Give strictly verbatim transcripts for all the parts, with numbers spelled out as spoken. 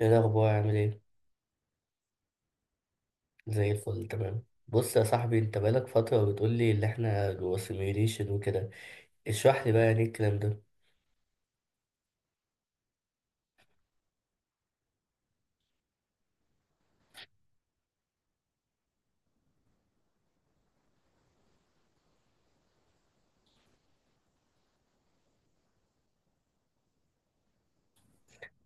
ايه الاخبار، عامل ايه؟ زي الفل، تمام. بص يا صاحبي، انت بقالك فتره بتقول لي اللي احنا جوه سيميوليشن وكده. اشرح لي بقى يعني إيه الكلام ده؟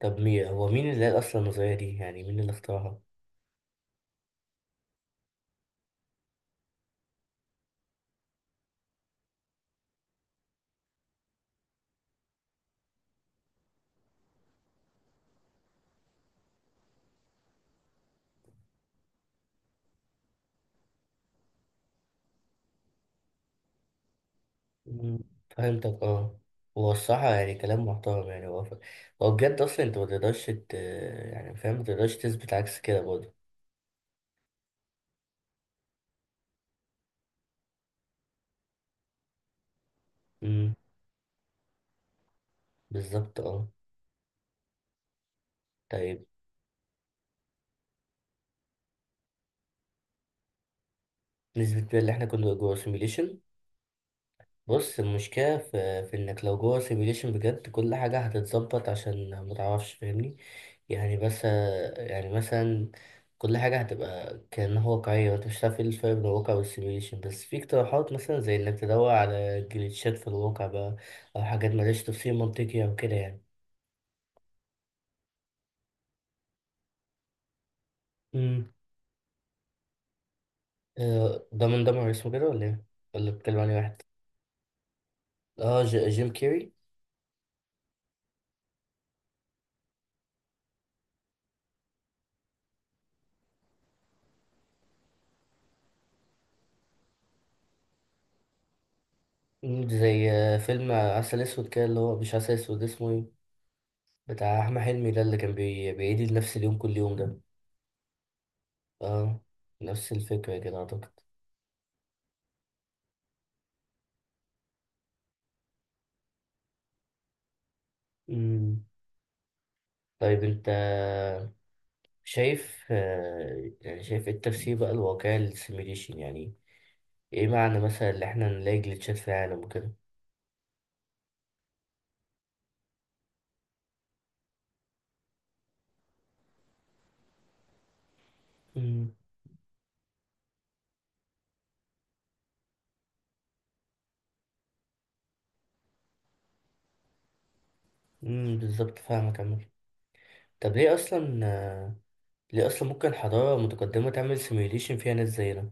طب مين هو مين اللي قال اصلا النظريه دي، يعني مين اللي اخترعها؟ مم، فهمتك. اه. هو الصراحه يعني كلام محترم. يعني هو ف- هو بجد، اصلا انت ما تقدرش ت... يعني فاهم، ما تقدرش تثبت عكس كده برضه. امم بالظبط. اه. طيب، نثبت بقى اللي احنا كنا جوه سيميوليشن؟ بص، المشكلة في, في إنك لو جوه سيميليشن بجد كل حاجة هتتظبط عشان متعرفش. فاهمني؟ يعني بس، يعني مثلا كل حاجة هتبقى كأنها واقعية، وأنت مش هتعرف إيه الفرق بين الواقع والسيميليشن. بس في اقتراحات مثلا زي إنك تدور على جليتشات في الواقع بقى، أو حاجات ملهاش تفسير منطقي أو كده يعني. امم آه، ده من دمر اسمه كده ولا إيه؟ ولا بتكلم عن إيه، واحد؟ آه، ج- جيم كيري. مم، زي آه، فيلم عسل أسود كده، اللي هو مش عسل أسود، اسمه إيه؟ بتاع احمد حلمي ده، اللي كان بي... بيعيد نفس اليوم كل يوم ده. اه، نفس الفكرة كده اعتقد. امم طيب انت شايف آه، يعني شايف ايه التفسير بقى الواقعي للسيميليشن يعني؟ ايه معنى مثلا اللي احنا نلاقي جليتشات في العالم وكده؟ امم امم بالظبط، فاهمك عمال. طب ليه اصلا آه، ليه اصلا ممكن حضارة متقدمة تعمل سيميليشن فيها ناس زينا؟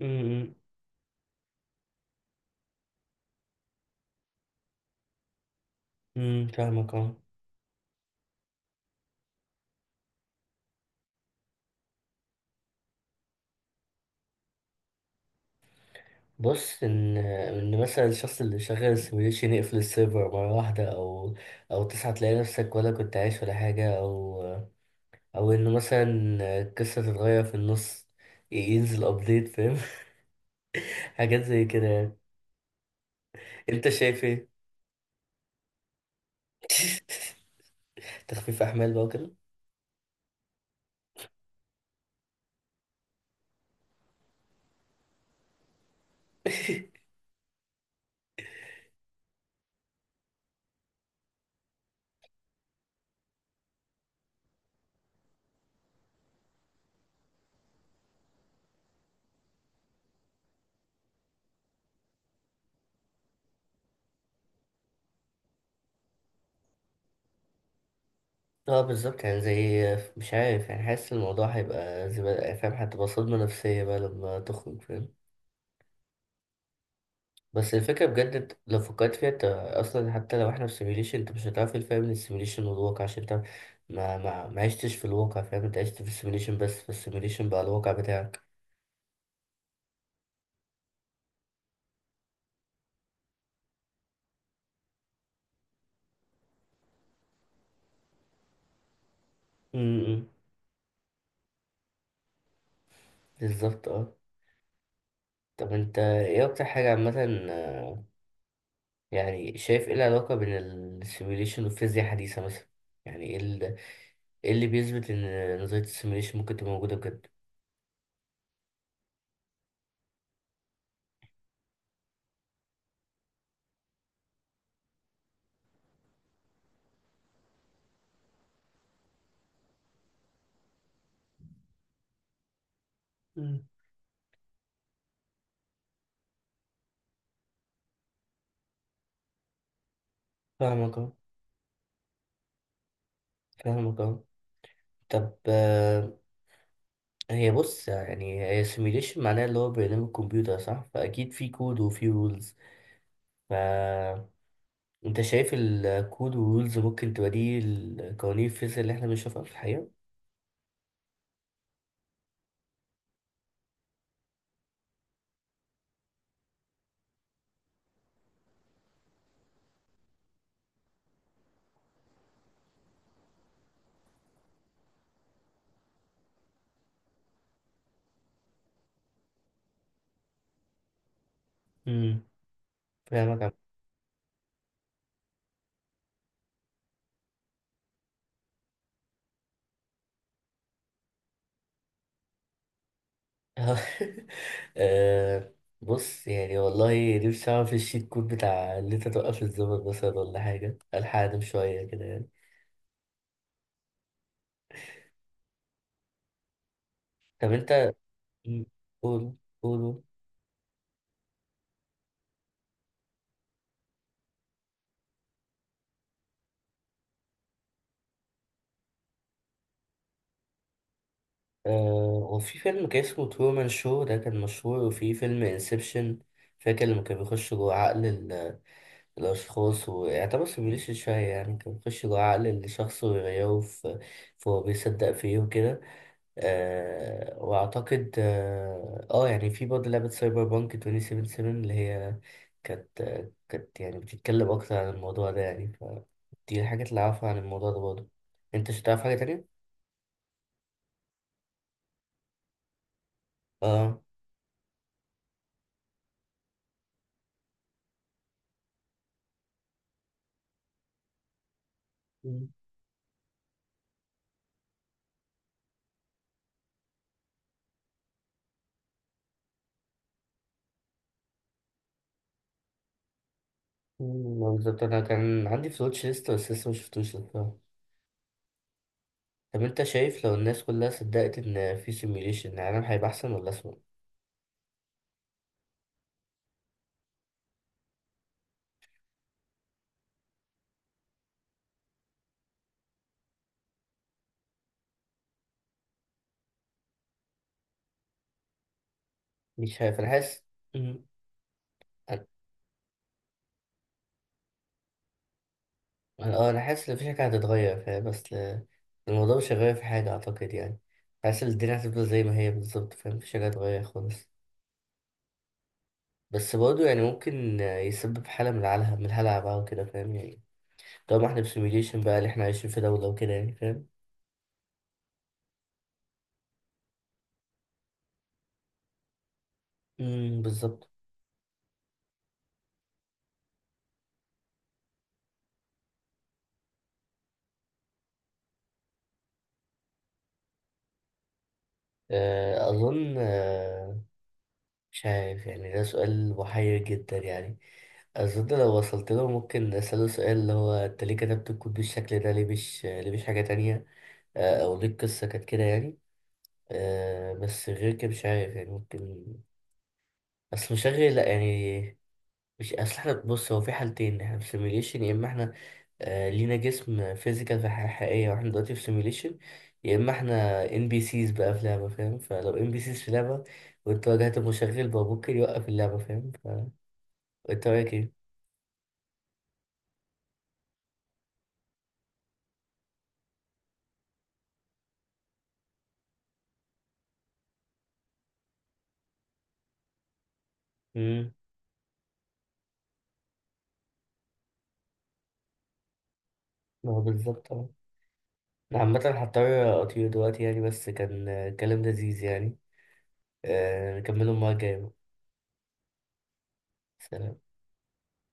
امم امم فاهمك. اه. بص، ان ان مثلا الشخص اللي شغال السيميوليشن يقفل السيرفر مره واحده، او او تصحى تلاقي نفسك ولا كنت عايش ولا حاجه، او او انه مثلا القصه تتغير في النص، ينزل ابديت. فاهم؟ حاجات زي كده يعني. انت شايف ايه؟ تخفيف احمال بقى وكده. اه، بالظبط. يعني زي، مش عارف يعني، حاسس الموضوع هيبقى زي ما- فاهم، هتبقى صدمه نفسيه بقى لما تخرج. فاهم؟ بس الفكرة بجد، انت لو فكرت فيها، انت اصلا حتى لو احنا في سيميوليشن، انت مش هتعرف إيه الفرق بين السيميوليشن والواقع، عشان انت ما ما ما عشتش في الواقع. فاهم؟ انت عشت في السيميوليشن بس، فالسيميوليشن بقى الواقع بتاعك. امم بالظبط. اه. طب انت ايه اكتر حاجة عامة آه، يعني شايف ايه العلاقة بين السيميوليشن والفيزياء الحديثة مثلا؟ يعني ايه ال- ايه اللي بيثبت ان نظرية السيميوليشن ممكن تبقى موجودة بجد؟ مم. فاهمك، اه. فاهمك، اه. طب، هي بص يعني، هي سيميليشن معناها اللي هو برنامج كمبيوتر، صح؟ فأكيد في كود وفي رولز. فأنت شايف الكود والرولز ممكن تبقى دي القوانين الفيزياء اللي احنا بنشوفها في الحقيقة؟ امم فاهمك يا عم. آه، بص يعني والله نفسي أعرف الشيت كود بتاع اللي أنت توقف الزمن مثلا، ولا حاجة ألحق أنام شوية كده يعني. طب أنت، مم، قول قول. آه وفي فيلم كان اسمه ترومان شو ده كان مشهور، وفي فيلم انسبشن. فاكر لما كان بيخش جوه عقل ال- الأشخاص ويعتبر سيميوليشن شوية يعني. كان بيخش جوه عقل الشخص ويغيره في في هو بيصدق فيه وكده. آه وأعتقد آه, آه يعني في برضه لعبة سايبر بانك توينتي سفنتي سفن اللي هي كانت كانت يعني بتتكلم أكتر عن الموضوع ده يعني. فدي الحاجات اللي أعرفها عن الموضوع ده برضه. أنت مش هتعرف حاجة تانية؟ آه. مم، بالظبط، انا كان عندي في الواتش ليست بس لسه مشفتوش الصراحة. طب انت شايف لو الناس كلها صدقت ان في سيميوليشن، العالم هيبقى احسن ولا اسوأ؟ مش عارف، انا حاسس. مم، أنا- اه، انا حاسس ان في حاجة هتتغير فاهم، بس ل- الموضوع مش هيغير في حاجة اعتقد يعني. حاسس ان الدنيا هتفضل زي ما هي بالظبط. فاهم؟ مفيش حاجة هتتغير خالص. بس برضه يعني ممكن آه، يسبب حالة من العلها من الهلع بقى وكده فاهم يعني. طالما احنا في سيميوليشن بقى اللي احنا عايشين في دولة وكده يعني فاهم. مم، بالظبط. آه، أظن آه، مش عارف يعني، ده سؤال محير جدا يعني. أظن لو وصلت له ممكن أسأله سؤال اللي هو: أنت ليه كتبت الكود بالشكل ده، ليه مش ليه مش حاجة تانية. آه، أو ليه القصة كانت كده يعني. آه، بس غير كده مش عارف يعني. ممكن أصل مشغل، لأ يعني. مش أصل احنا، بص، هو في حالتين: احنا في سيميليشن، يا إما احنا آه، لينا جسم فيزيكال في حياة حقيقية واحنا دلوقتي في سيميليشن، يا إما احنا ان بي سيز بقى في لعبة. فاهم؟ فلو ان بي سيز في لعبة وانت واجهت المشغل بقى ممكن يوقف اللعبة. فاهم؟ التراكي. امم ما هو بالظبط اه. انا عامة هضطر اطير دلوقتي يعني، بس كان آه، كلام لذيذ يعني. آه، نكمله المرة الجاية بقى. سلام.